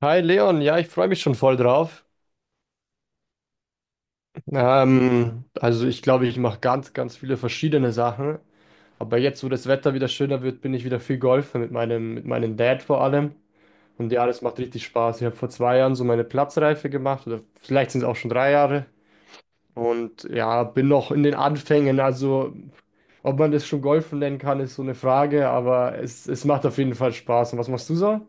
Hi Leon, ja, ich freue mich schon voll drauf. Also ich glaube, ich mache ganz, ganz viele verschiedene Sachen. Aber jetzt, wo das Wetter wieder schöner wird, bin ich wieder viel Golfen mit meinem Dad vor allem. Und ja, das macht richtig Spaß. Ich habe vor 2 Jahren so meine Platzreife gemacht, oder vielleicht sind es auch schon 3 Jahre. Und ja, bin noch in den Anfängen. Also, ob man das schon Golfen nennen kann, ist so eine Frage, aber es macht auf jeden Fall Spaß. Und was machst du so?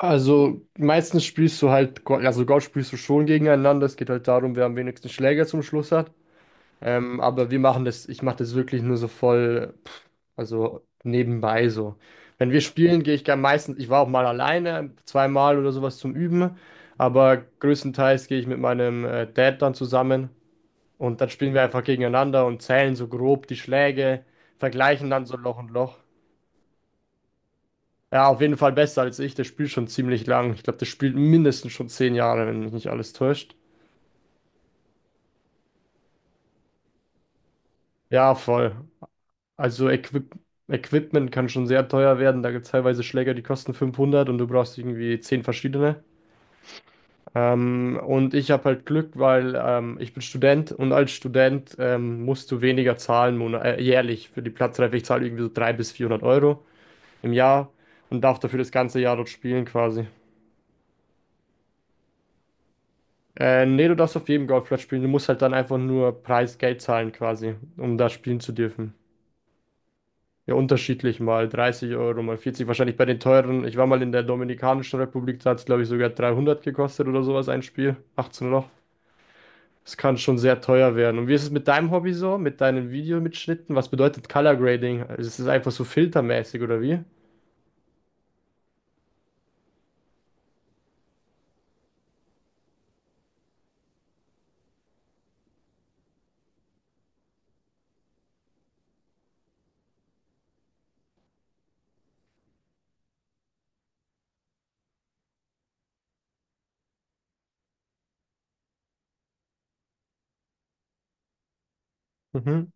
Also meistens spielst du halt, also Gott spielst du schon gegeneinander. Es geht halt darum, wer am wenigsten Schläger zum Schluss hat. Aber wir machen das, ich mache das wirklich nur so voll, also nebenbei so. Wenn wir spielen, gehe ich gern meistens, ich war auch mal alleine, zweimal oder sowas zum Üben, aber größtenteils gehe ich mit meinem Dad dann zusammen und dann spielen wir einfach gegeneinander und zählen so grob die Schläge, vergleichen dann so Loch und Loch. Ja, auf jeden Fall besser als ich. Der spielt schon ziemlich lang. Ich glaube, der spielt mindestens schon 10 Jahre, wenn mich nicht alles täuscht. Ja, voll. Also Equipment kann schon sehr teuer werden. Da gibt es teilweise Schläger, die kosten 500 und du brauchst irgendwie 10 verschiedene. Und ich habe halt Glück, weil ich bin Student und als Student musst du weniger zahlen jährlich für die Platzreife. Ich zahle irgendwie so 300 bis 400 Euro im Jahr und darf dafür das ganze Jahr dort spielen quasi. Nee, du darfst auf jedem Golfplatz spielen. Du musst halt dann einfach nur Preisgeld zahlen quasi, um da spielen zu dürfen. Ja, unterschiedlich mal 30 Euro, mal 40 wahrscheinlich bei den teuren. Ich war mal in der Dominikanischen Republik, da hat es, glaube ich, sogar 300 gekostet oder sowas ein Spiel. 18 Loch. Das kann schon sehr teuer werden. Und wie ist es mit deinem Hobby so, mit deinen Videomitschnitten? Was bedeutet Color Grading? Also, ist es einfach so filtermäßig oder wie? Mhm,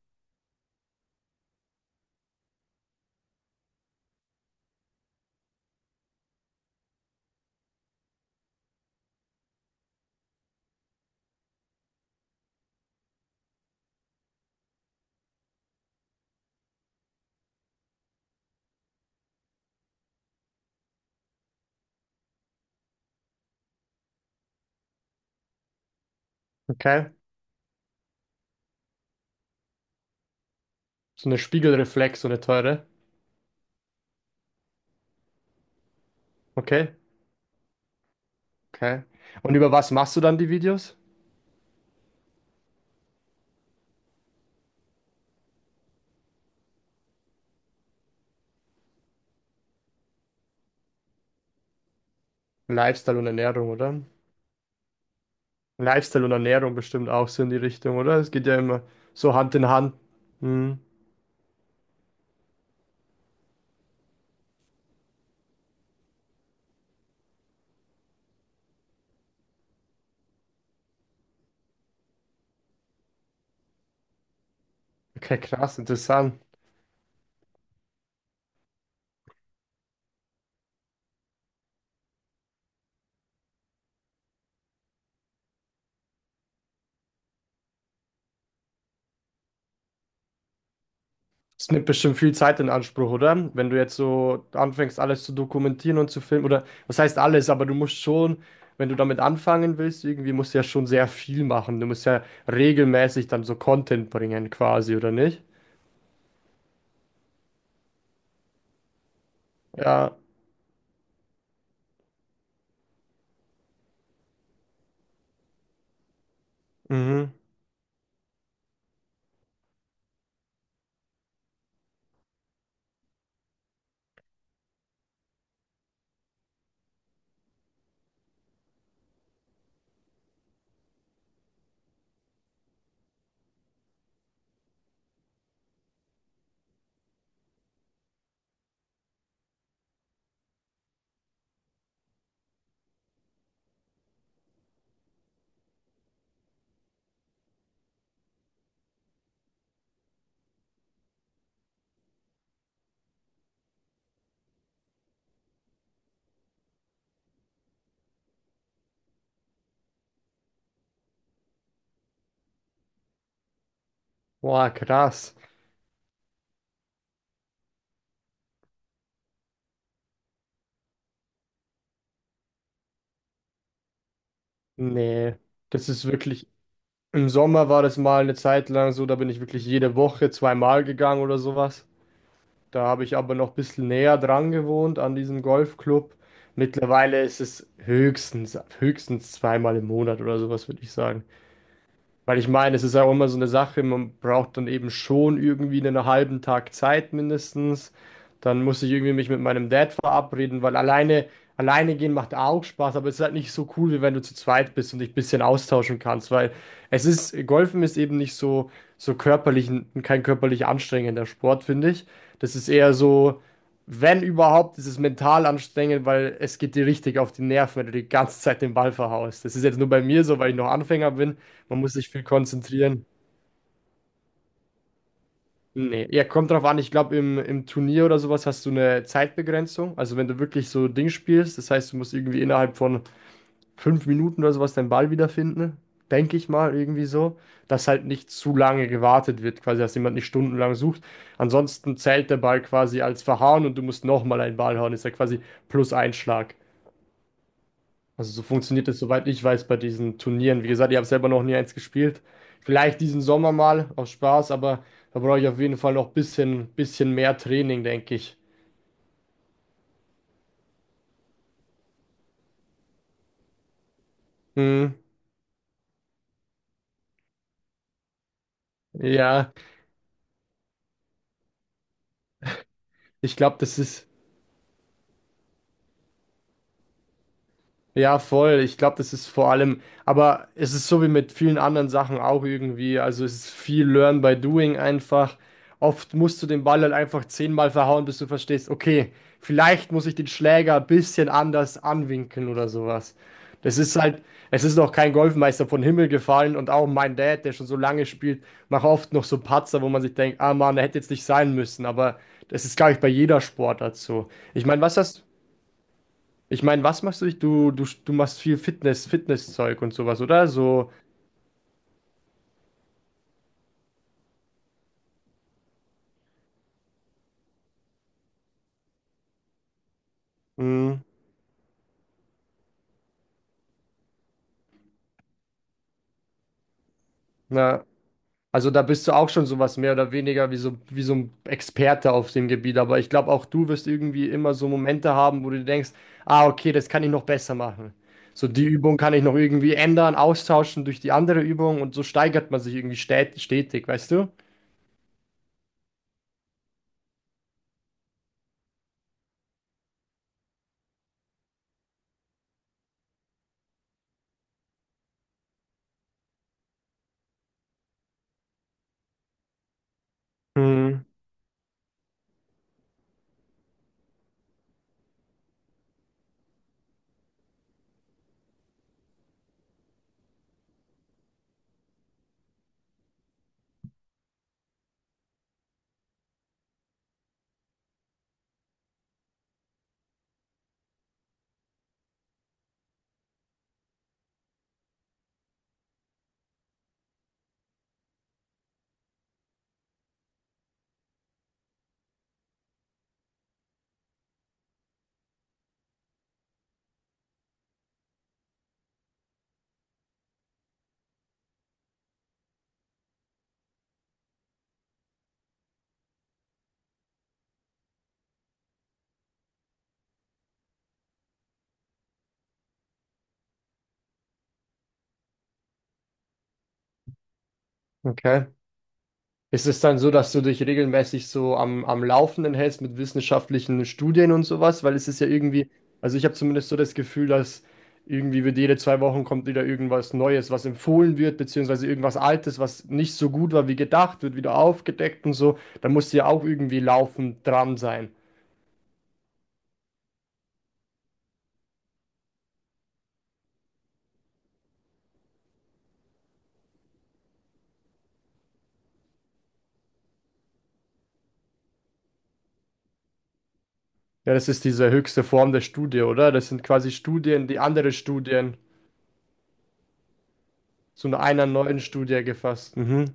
okay. So eine Spiegelreflex, so eine teure. Okay, okay. Und über was machst du dann die Videos? Lifestyle und Ernährung, oder? Lifestyle und Ernährung bestimmt auch so in die Richtung, oder? Es geht ja immer so Hand in Hand. Hm. Okay, krass, interessant. Das nimmt bestimmt viel Zeit in Anspruch, oder? Wenn du jetzt so anfängst, alles zu dokumentieren und zu filmen, oder was heißt alles, aber du musst schon, wenn du damit anfangen willst, irgendwie musst du ja schon sehr viel machen. Du musst ja regelmäßig dann so Content bringen, quasi, oder nicht? Ja, mhm. Boah, krass. Nee, das ist wirklich. Im Sommer war das mal eine Zeit lang so, da bin ich wirklich jede Woche zweimal gegangen oder sowas. Da habe ich aber noch ein bisschen näher dran gewohnt an diesem Golfclub. Mittlerweile ist es höchstens zweimal im Monat oder sowas, würde ich sagen. Weil ich meine, es ist ja auch immer so eine Sache, man braucht dann eben schon irgendwie einen halben Tag Zeit mindestens. Dann muss ich irgendwie mich mit meinem Dad verabreden, weil alleine gehen macht auch Spaß, aber es ist halt nicht so cool, wie wenn du zu zweit bist und dich ein bisschen austauschen kannst, weil Golfen ist eben nicht so kein körperlich anstrengender Sport, finde ich. Das ist eher so, wenn überhaupt, ist es mental anstrengend, weil es geht dir richtig auf die Nerven, wenn du die ganze Zeit den Ball verhaust. Das ist jetzt nur bei mir so, weil ich noch Anfänger bin. Man muss sich viel konzentrieren. Nee, ja, kommt drauf an. Ich glaube, im Turnier oder sowas hast du eine Zeitbegrenzung. Also, wenn du wirklich so Ding spielst, das heißt, du musst irgendwie innerhalb von 5 Minuten oder sowas deinen Ball wiederfinden. Denke ich mal, irgendwie so, dass halt nicht zu lange gewartet wird, quasi, dass jemand nicht stundenlang sucht. Ansonsten zählt der Ball quasi als verhauen und du musst nochmal einen Ball hauen. Ist ja quasi plus ein Schlag. Also so funktioniert es, soweit ich weiß, bei diesen Turnieren. Wie gesagt, ich habe selber noch nie eins gespielt. Vielleicht diesen Sommer mal aus Spaß, aber da brauche ich auf jeden Fall noch ein bisschen mehr Training, denke ich. Hm, ja, ich glaube, das ist. Ja, voll. Ich glaube, das ist vor allem, aber es ist so wie mit vielen anderen Sachen auch irgendwie. Also es ist viel Learn by Doing einfach. Oft musst du den Ball halt einfach zehnmal verhauen, bis du verstehst, okay, vielleicht muss ich den Schläger ein bisschen anders anwinkeln oder sowas. Das ist halt, es ist noch kein Golfmeister vom Himmel gefallen und auch mein Dad, der schon so lange spielt, macht oft noch so Patzer, wo man sich denkt, ah Mann, der hätte jetzt nicht sein müssen. Aber das ist, glaube ich, bei jeder Sportart so. Ich meine, was hast ich meine, was machst du? Du machst viel Fitness, Fitnesszeug und sowas, oder? So, mh, na, also da bist du auch schon sowas mehr oder weniger wie so ein Experte auf dem Gebiet. Aber ich glaube, auch du wirst irgendwie immer so Momente haben, wo du denkst, ah, okay, das kann ich noch besser machen. So, die Übung kann ich noch irgendwie ändern, austauschen durch die andere Übung und so steigert man sich irgendwie stät stetig, weißt du? Hm, okay. Ist es dann so, dass du dich regelmäßig so am Laufenden hältst mit wissenschaftlichen Studien und sowas? Weil es ist ja irgendwie, also ich habe zumindest so das Gefühl, dass irgendwie wird jede 2 Wochen kommt wieder irgendwas Neues, was empfohlen wird, beziehungsweise irgendwas Altes, was nicht so gut war wie gedacht, wird wieder aufgedeckt und so. Da musst du ja auch irgendwie laufend dran sein. Ja, das ist diese höchste Form der Studie, oder? Das sind quasi Studien, die andere Studien zu einer neuen Studie gefasst. Mhm.